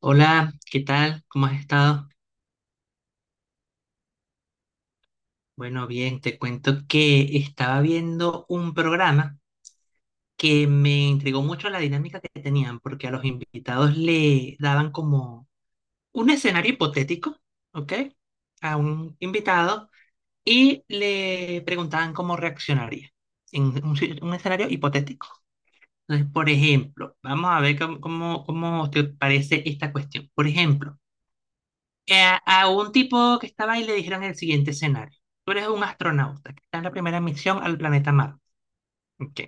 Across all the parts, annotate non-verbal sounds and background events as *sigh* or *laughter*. Hola, ¿qué tal? ¿Cómo has estado? Bueno, bien, te cuento que estaba viendo un programa que me intrigó mucho la dinámica que tenían, porque a los invitados le daban como un escenario hipotético, ¿ok? A un invitado y le preguntaban cómo reaccionaría en un, *laughs* un escenario hipotético. Entonces, por ejemplo, vamos a ver cómo te parece esta cuestión. Por ejemplo, a un tipo que estaba ahí le dijeron el siguiente escenario. Tú eres un astronauta que está en la primera misión al planeta Marte. Ok.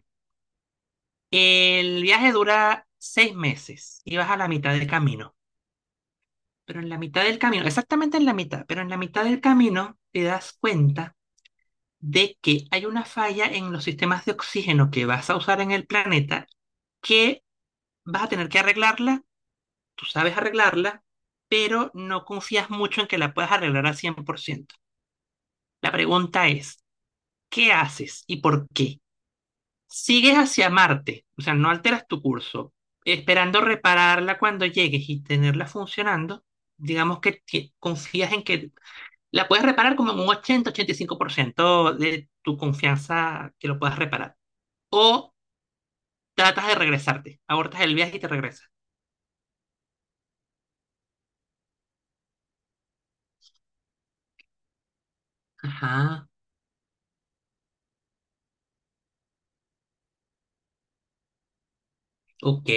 El viaje dura 6 meses y vas a la mitad del camino. Pero en la mitad del camino, exactamente en la mitad, pero en la mitad del camino te das cuenta de que hay una falla en los sistemas de oxígeno que vas a usar en el planeta que vas a tener que arreglarla, tú sabes arreglarla, pero no confías mucho en que la puedas arreglar al 100%. La pregunta es, ¿qué haces y por qué? Sigues hacia Marte, o sea, no alteras tu curso, esperando repararla cuando llegues y tenerla funcionando. Digamos que confías en que la puedes reparar como en un 80-85% de tu confianza que lo puedas reparar. O tratas de regresarte, abortas el viaje y te regresas. Ajá, ok.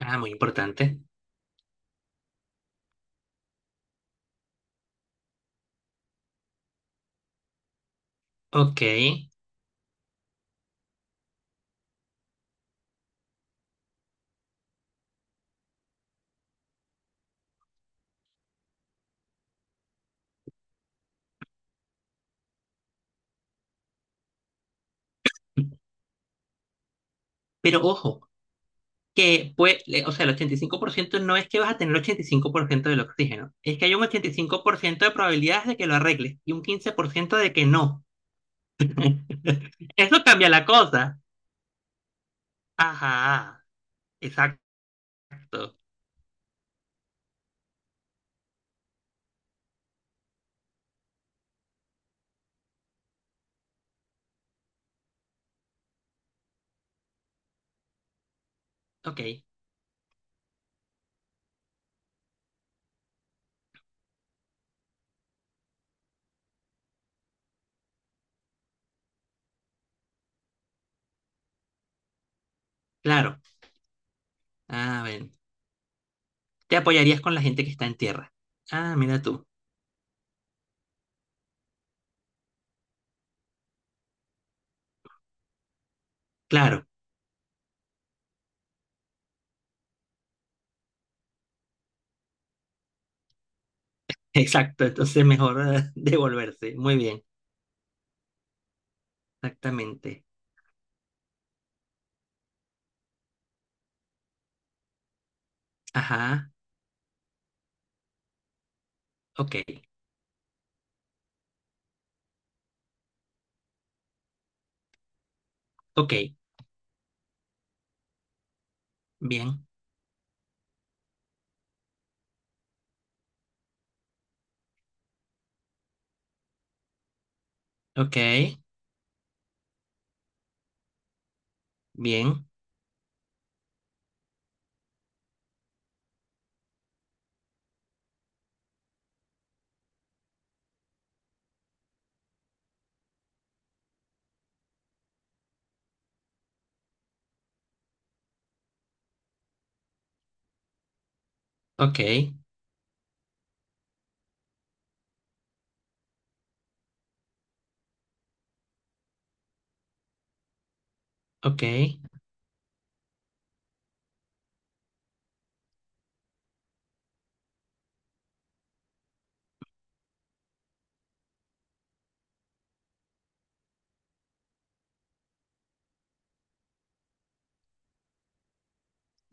Ah, muy importante. Ok. Pero ojo, que pues, o sea, el 85% no es que vas a tener el 85% del oxígeno, es que hay un 85% de probabilidades de que lo arregles y un 15% de que no. *laughs* Eso cambia la cosa. Ajá, exacto. Ok, claro. A ver, te apoyarías con la gente que está en tierra. Ah, mira tú. Claro, *laughs* exacto. Entonces mejor *laughs* devolverse. Muy bien, exactamente. Ajá, ok, ok, bien, ok, bien, ok, ok.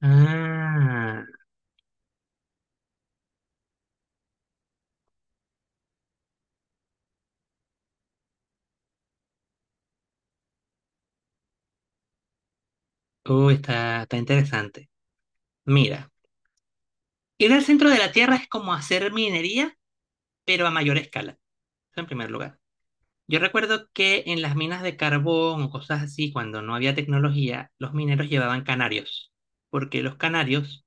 Ah, está interesante. Mira, ir al centro de la Tierra es como hacer minería, pero a mayor escala. Eso en primer lugar. Yo recuerdo que en las minas de carbón o cosas así, cuando no había tecnología, los mineros llevaban canarios, porque los canarios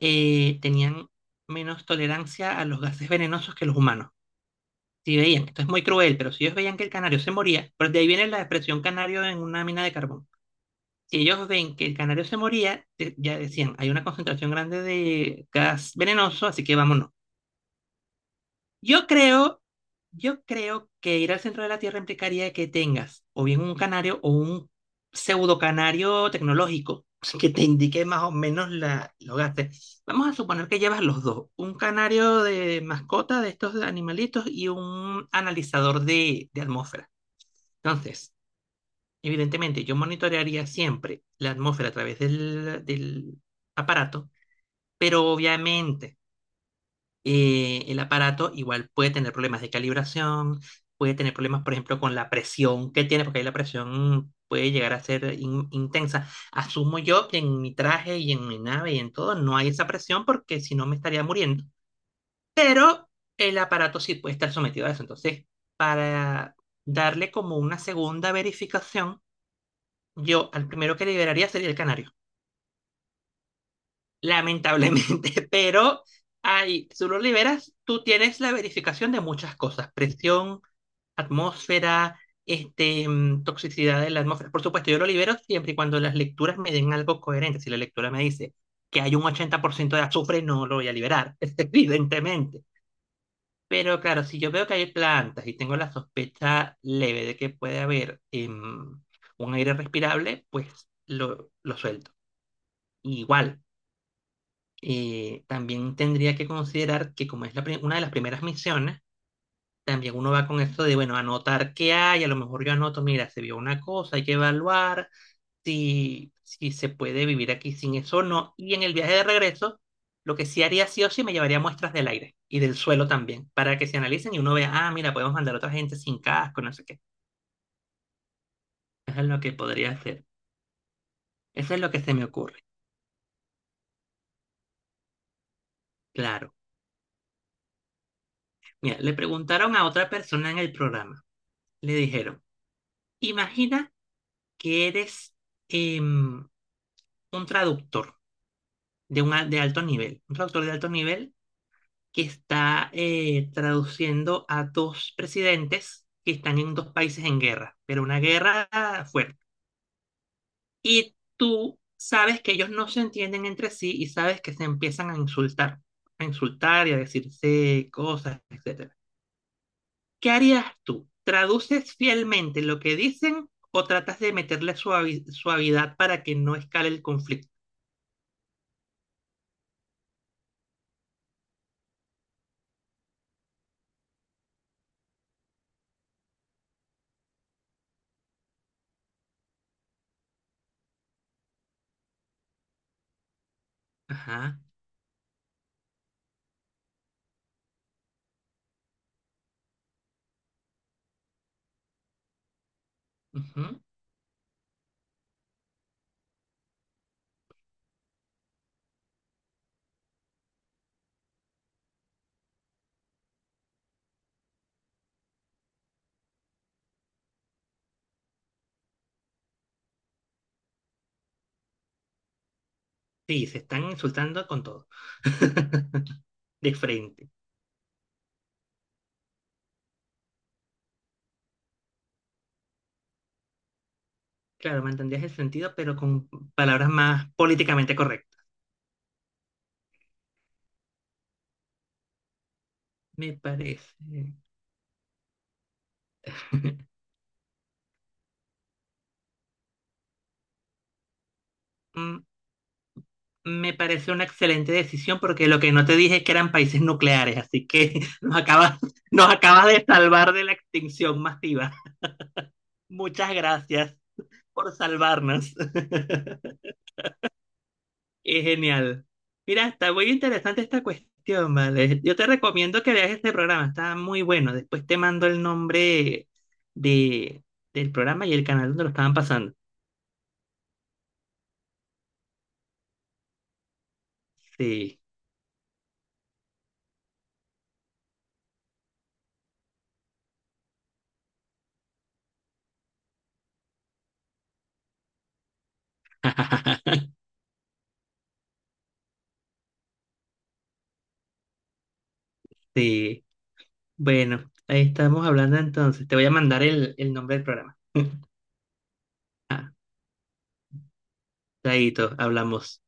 tenían menos tolerancia a los gases venenosos que los humanos. Si veían, esto es muy cruel, pero si ellos veían que el canario se moría, pues de ahí viene la expresión canario en una mina de carbón. Si ellos ven que el canario se moría, de- ya decían, hay una concentración grande de gas venenoso, así que vámonos. Yo creo, yo creo que ir al centro de la Tierra implicaría que tengas o bien un canario o un pseudo canario tecnológico que te indique más o menos la, los gastos. Vamos a suponer que llevas los dos, un canario de mascota de estos animalitos y un analizador de atmósfera. Entonces, evidentemente, yo monitorearía siempre la atmósfera a través del aparato, pero obviamente el aparato igual puede tener problemas de calibración, puede tener problemas, por ejemplo, con la presión que tiene, porque ahí la presión puede llegar a ser intensa. Asumo yo que en mi traje y en mi nave y en todo no hay esa presión porque si no me estaría muriendo, pero el aparato sí puede estar sometido a eso. Entonces, para darle como una segunda verificación, yo al primero que liberaría sería el canario, lamentablemente, *laughs* pero ahí tú lo liberas, tú tienes la verificación de muchas cosas, presión, atmósfera, este, mm, toxicidad de la atmósfera. Por supuesto, yo lo libero siempre y cuando las lecturas me den algo coherente. Si la lectura me dice que hay un 80% de azufre, no lo voy a liberar, *laughs* evidentemente. Pero claro, si yo veo que hay plantas y tengo la sospecha leve de que puede haber un aire respirable, pues lo suelto. Igual, también tendría que considerar que como es la una de las primeras misiones, también uno va con esto de, bueno, anotar qué hay, a lo mejor yo anoto, mira, se vio una cosa, hay que evaluar si se puede vivir aquí sin eso o no. Y en el viaje de regreso, lo que sí haría sí o sí, me llevaría muestras del aire y del suelo también, para que se analicen y uno vea, ah, mira, podemos mandar a otra gente sin casco, no sé qué. Eso es lo que podría hacer. Eso es lo que se me ocurre. Claro. Mira, le preguntaron a otra persona en el programa. Le dijeron, imagina que eres em, un traductor de, un de alto nivel, un traductor de alto nivel que está traduciendo a dos presidentes que están en dos países en guerra, pero una guerra fuerte. Y tú sabes que ellos no se entienden entre sí y sabes que se empiezan a insultar y a decirse cosas, etcétera. ¿Qué harías tú? ¿Traduces fielmente lo que dicen o tratas de meterle suavidad para que no escale el conflicto? Ajá. Ujú. Sí, se están insultando con todo. *laughs* De frente. Claro, mantendrías el sentido, pero con palabras más políticamente correctas. Me parece. *laughs* Mm, me parece una excelente decisión porque lo que no te dije es que eran países nucleares, así que *laughs* nos acabas de salvar de la extinción masiva. Muchas gracias por salvarnos. *laughs* Es genial. Mira, está muy interesante esta cuestión, ¿vale? Yo te recomiendo que veas este programa, está muy bueno. Después te mando el nombre de, del programa y el canal donde lo estaban pasando. Sí, sí. Bueno, ahí estamos hablando entonces. Te voy a mandar el nombre del programa. *laughs* Ah, chaito, hablamos.